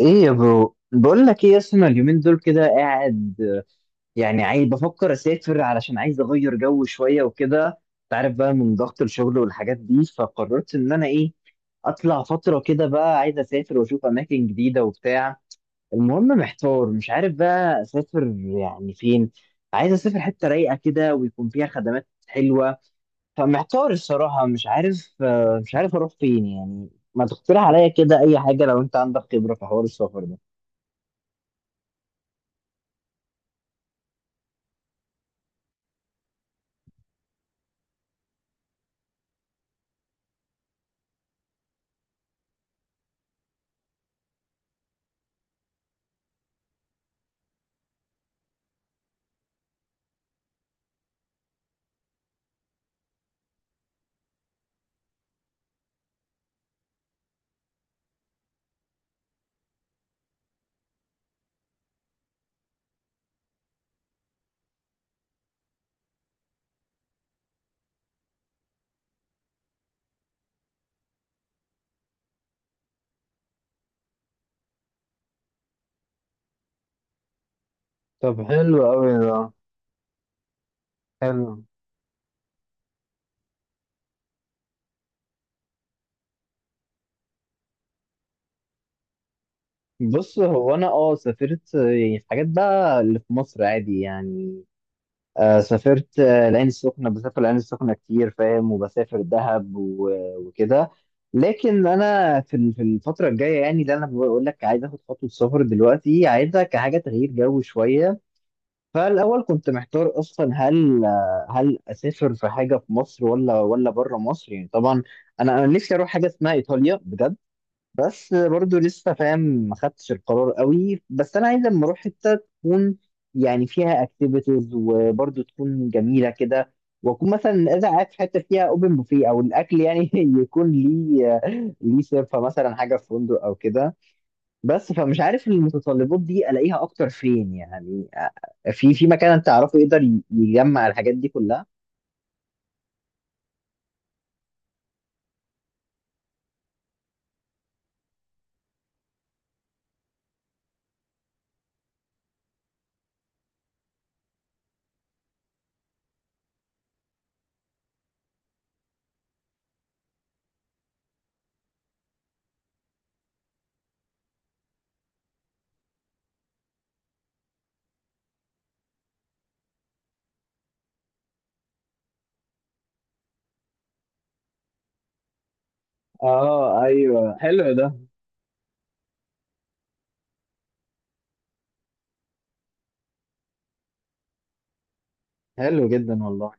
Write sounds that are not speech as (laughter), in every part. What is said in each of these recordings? ايه يا برو، بقول لك ايه يا اسطى. أنا اليومين دول كده قاعد، يعني عايز بفكر اسافر علشان عايز اغير جو شويه وكده. انت عارف بقى من ضغط الشغل والحاجات دي، فقررت ان انا ايه، اطلع فتره كده بقى. عايز اسافر واشوف اماكن جديده وبتاع. المهم محتار، مش عارف بقى اسافر يعني فين. عايز اسافر حته رايقه كده ويكون فيها خدمات حلوه. فمحتار الصراحه، مش عارف اروح فين يعني. ما تقترح عليا كده اي حاجه لو انت عندك خبره في حوار السفر ده؟ طب حلو قوي ده. حلو. بص، هو انا سافرت يعني في حاجات بقى اللي في مصر عادي يعني. سافرت، العين السخنة، بسافر العين السخنة كتير، فاهم، وبسافر دهب و- وكده. لكن انا في الفترة الجاية، يعني اللي انا بقول لك، عايز اخد خطوة سفر دلوقتي، عايزها كحاجة تغيير جو شوية. فالاول كنت محتار اصلا هل هل اسافر في حاجة في مصر ولا بره مصر، يعني طبعا انا نفسي اروح حاجة اسمها ايطاليا بجد. بس برضو لسه، فاهم، ما خدتش القرار قوي، بس انا عايز اما اروح حته تكون يعني فيها اكتيفيتيز، وبرضو تكون جميله كده. واكون مثلا اذا قاعد في حته فيها اوبن بوفيه او الاكل يعني (laughs) يكون ليه، سيرفا مثلا حاجه في فندق او كده. بس فمش عارف المتطلبات دي الاقيها اكتر فين يعني، في مكان انت تعرفه يقدر يجمع الحاجات دي كلها. اه ايوه حلو ده. حلو جدا والله.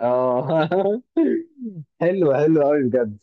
اه (laughs) حلو، حلو قوي بجد.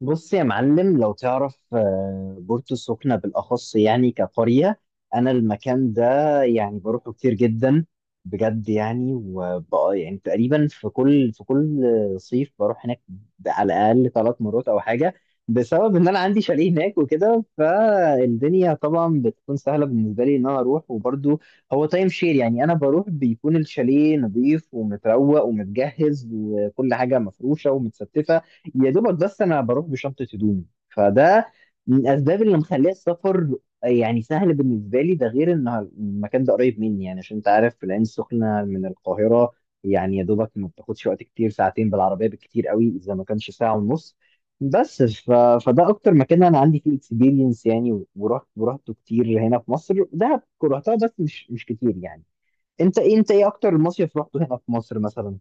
بص يا معلم، لو تعرف بورتو السخنة بالأخص، يعني كقرية، أنا المكان ده يعني بروحه كتير جدا بجد. يعني وبقى يعني تقريبا في كل صيف بروح هناك على الأقل 3 مرات أو حاجة، بسبب إن أنا عندي شاليه هناك وكده، فالدنيا طبعا بتكون سهلة بالنسبة لي إن أنا أروح. وبرضو هو تايم شير، يعني أنا بروح بيكون الشاليه نظيف ومتروق ومتجهز وكل حاجة مفروشة ومتستفة، يا دوبك بس انا بروح بشنطه هدومي. فده من الاسباب اللي مخليه السفر يعني سهل بالنسبه لي، ده غير ان المكان ده قريب مني، يعني عشان انت عارف في العين السخنه من القاهره، يعني يا دوبك ما بتاخدش وقت كتير، ساعتين بالعربيه بالكتير قوي، اذا ما كانش ساعه ونص. بس ف... فده اكتر مكان انا عندي فيه اكسبيرينس يعني، ورحت ورحته كتير هنا في مصر. دهب رحتها بس مش كتير يعني. انت ايه اكتر مصيف رحته هنا في مصر مثلا؟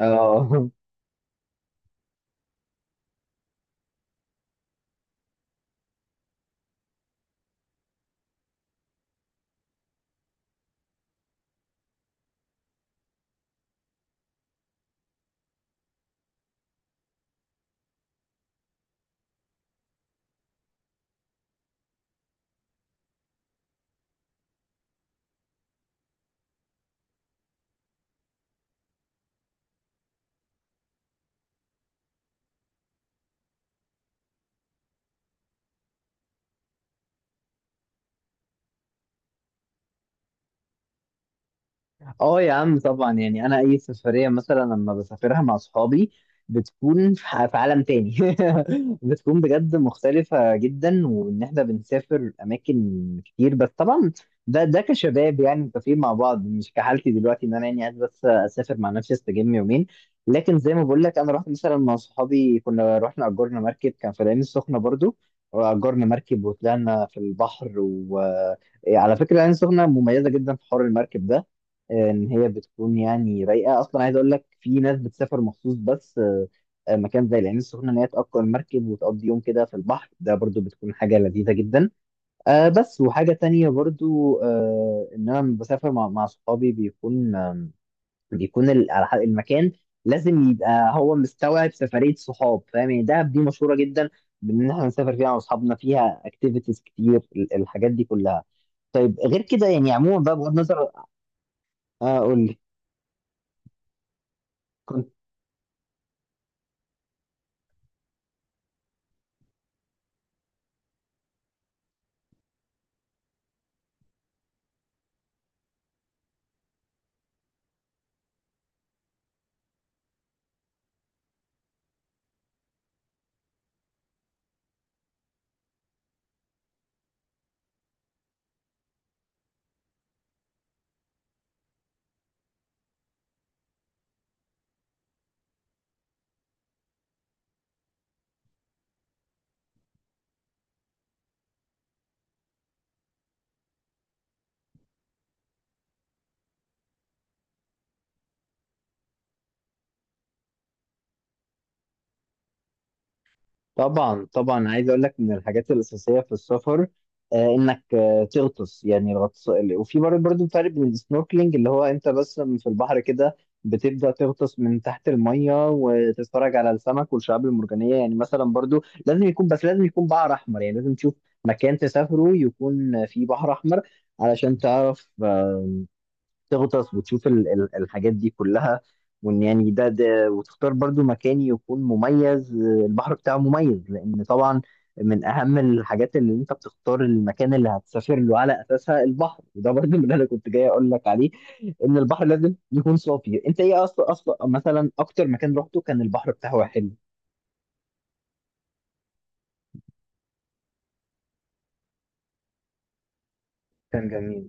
اه اه يا عم، طبعا يعني انا اي سفريه مثلا لما بسافرها مع اصحابي بتكون في عالم تاني (laughs) بتكون بجد مختلفه جدا. وان احنا بنسافر اماكن كتير، بس طبعا ده كشباب يعني متفقين مع بعض، مش كحالتي دلوقتي ان انا يعني قاعد بس اسافر مع نفسي استجم يومين. لكن زي ما بقول لك، انا رحت مثلا مع صحابي، كنا رحنا اجرنا مركب كان في العين السخنه برضو، واجرنا مركب وطلعنا في البحر. وعلى فكره، العين السخنه مميزه جدا في حوار المركب ده، ان هي بتكون يعني رايقه اصلا. عايز اقول لك في ناس بتسافر مخصوص، بس مكان زي العين السخنه ان هي تاجر مركب وتقضي يوم كده في البحر، ده برضو بتكون حاجه لذيذه جدا. بس وحاجه تانية برضو، ان انا لما بسافر مع صحابي بيكون المكان لازم يبقى هو مستوعب سفريه صحاب، فاهم يعني؟ دهب دي مشهوره جدا بان احنا نسافر فيها مع اصحابنا، فيها اكتيفيتيز كتير، الحاجات دي كلها. طيب غير كده يعني عموما بقى بغض النظر، اقول. طبعا طبعا، عايز اقول لك من الحاجات الاساسيه في السفر انك تغطس، يعني الغطس. وفي برضه، فرق بين السنوركلينج اللي هو انت بس في البحر كده بتبدا تغطس من تحت الميه وتتفرج على السمك والشعاب المرجانيه. يعني مثلا برضه لازم يكون، بحر احمر، يعني لازم تشوف مكان تسافره يكون فيه بحر احمر علشان تعرف تغطس وتشوف الحاجات دي كلها. وان يعني ده، وتختار برضو مكان يكون مميز، البحر بتاعه مميز، لان طبعا من اهم الحاجات اللي انت بتختار المكان اللي هتسافر له على اساسها البحر. وده برضو اللي انا كنت جاي اقول لك عليه، ان البحر لازم يكون صافي. انت ايه اصلا، مثلا اكتر مكان رحته كان البحر بتاعه حلو؟ كان جميل.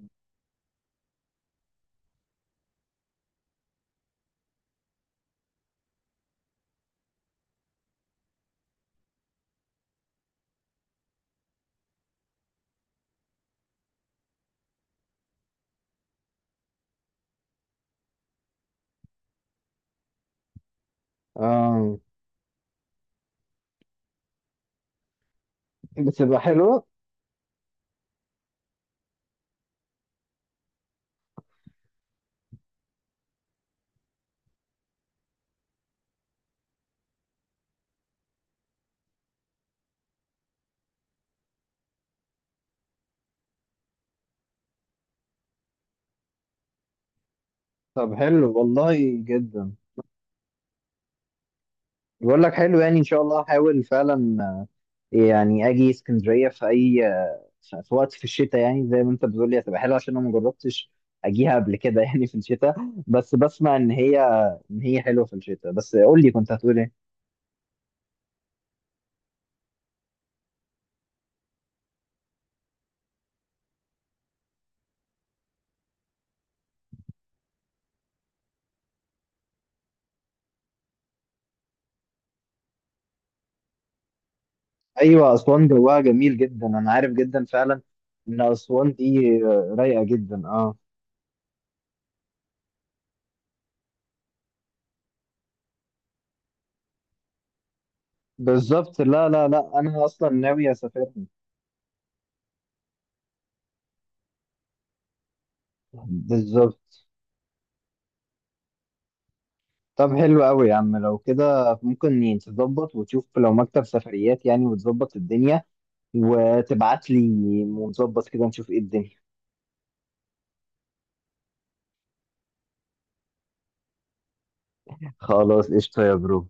اه بتبقى حلوة. طب حلو والله، جدا. بقول لك حلو، يعني ان شاء الله هحاول فعلا يعني اجي اسكندريه في اي، في وقت في الشتاء، يعني زي ما انت بتقول لي هتبقى حلوه. عشان انا ما جربتش اجيها قبل كده يعني في الشتاء، بس بسمع ان هي، ان هي حلوه في الشتاء. بس قول لي كنت هتقول ايه؟ ايوه اسوان جواها جميل جدا، انا عارف جدا فعلا ان اسوان دي رايقه جدا اه. بالظبط، لا لا لا انا اصلا ناوي اسافرها. بالظبط. طب حلو قوي يا عم، لو كده ممكن تظبط وتشوف لو مكتب سفريات يعني، وتظبط الدنيا وتبعت لي، ونظبط كده نشوف ايه الدنيا. خلاص قشطة يا برو.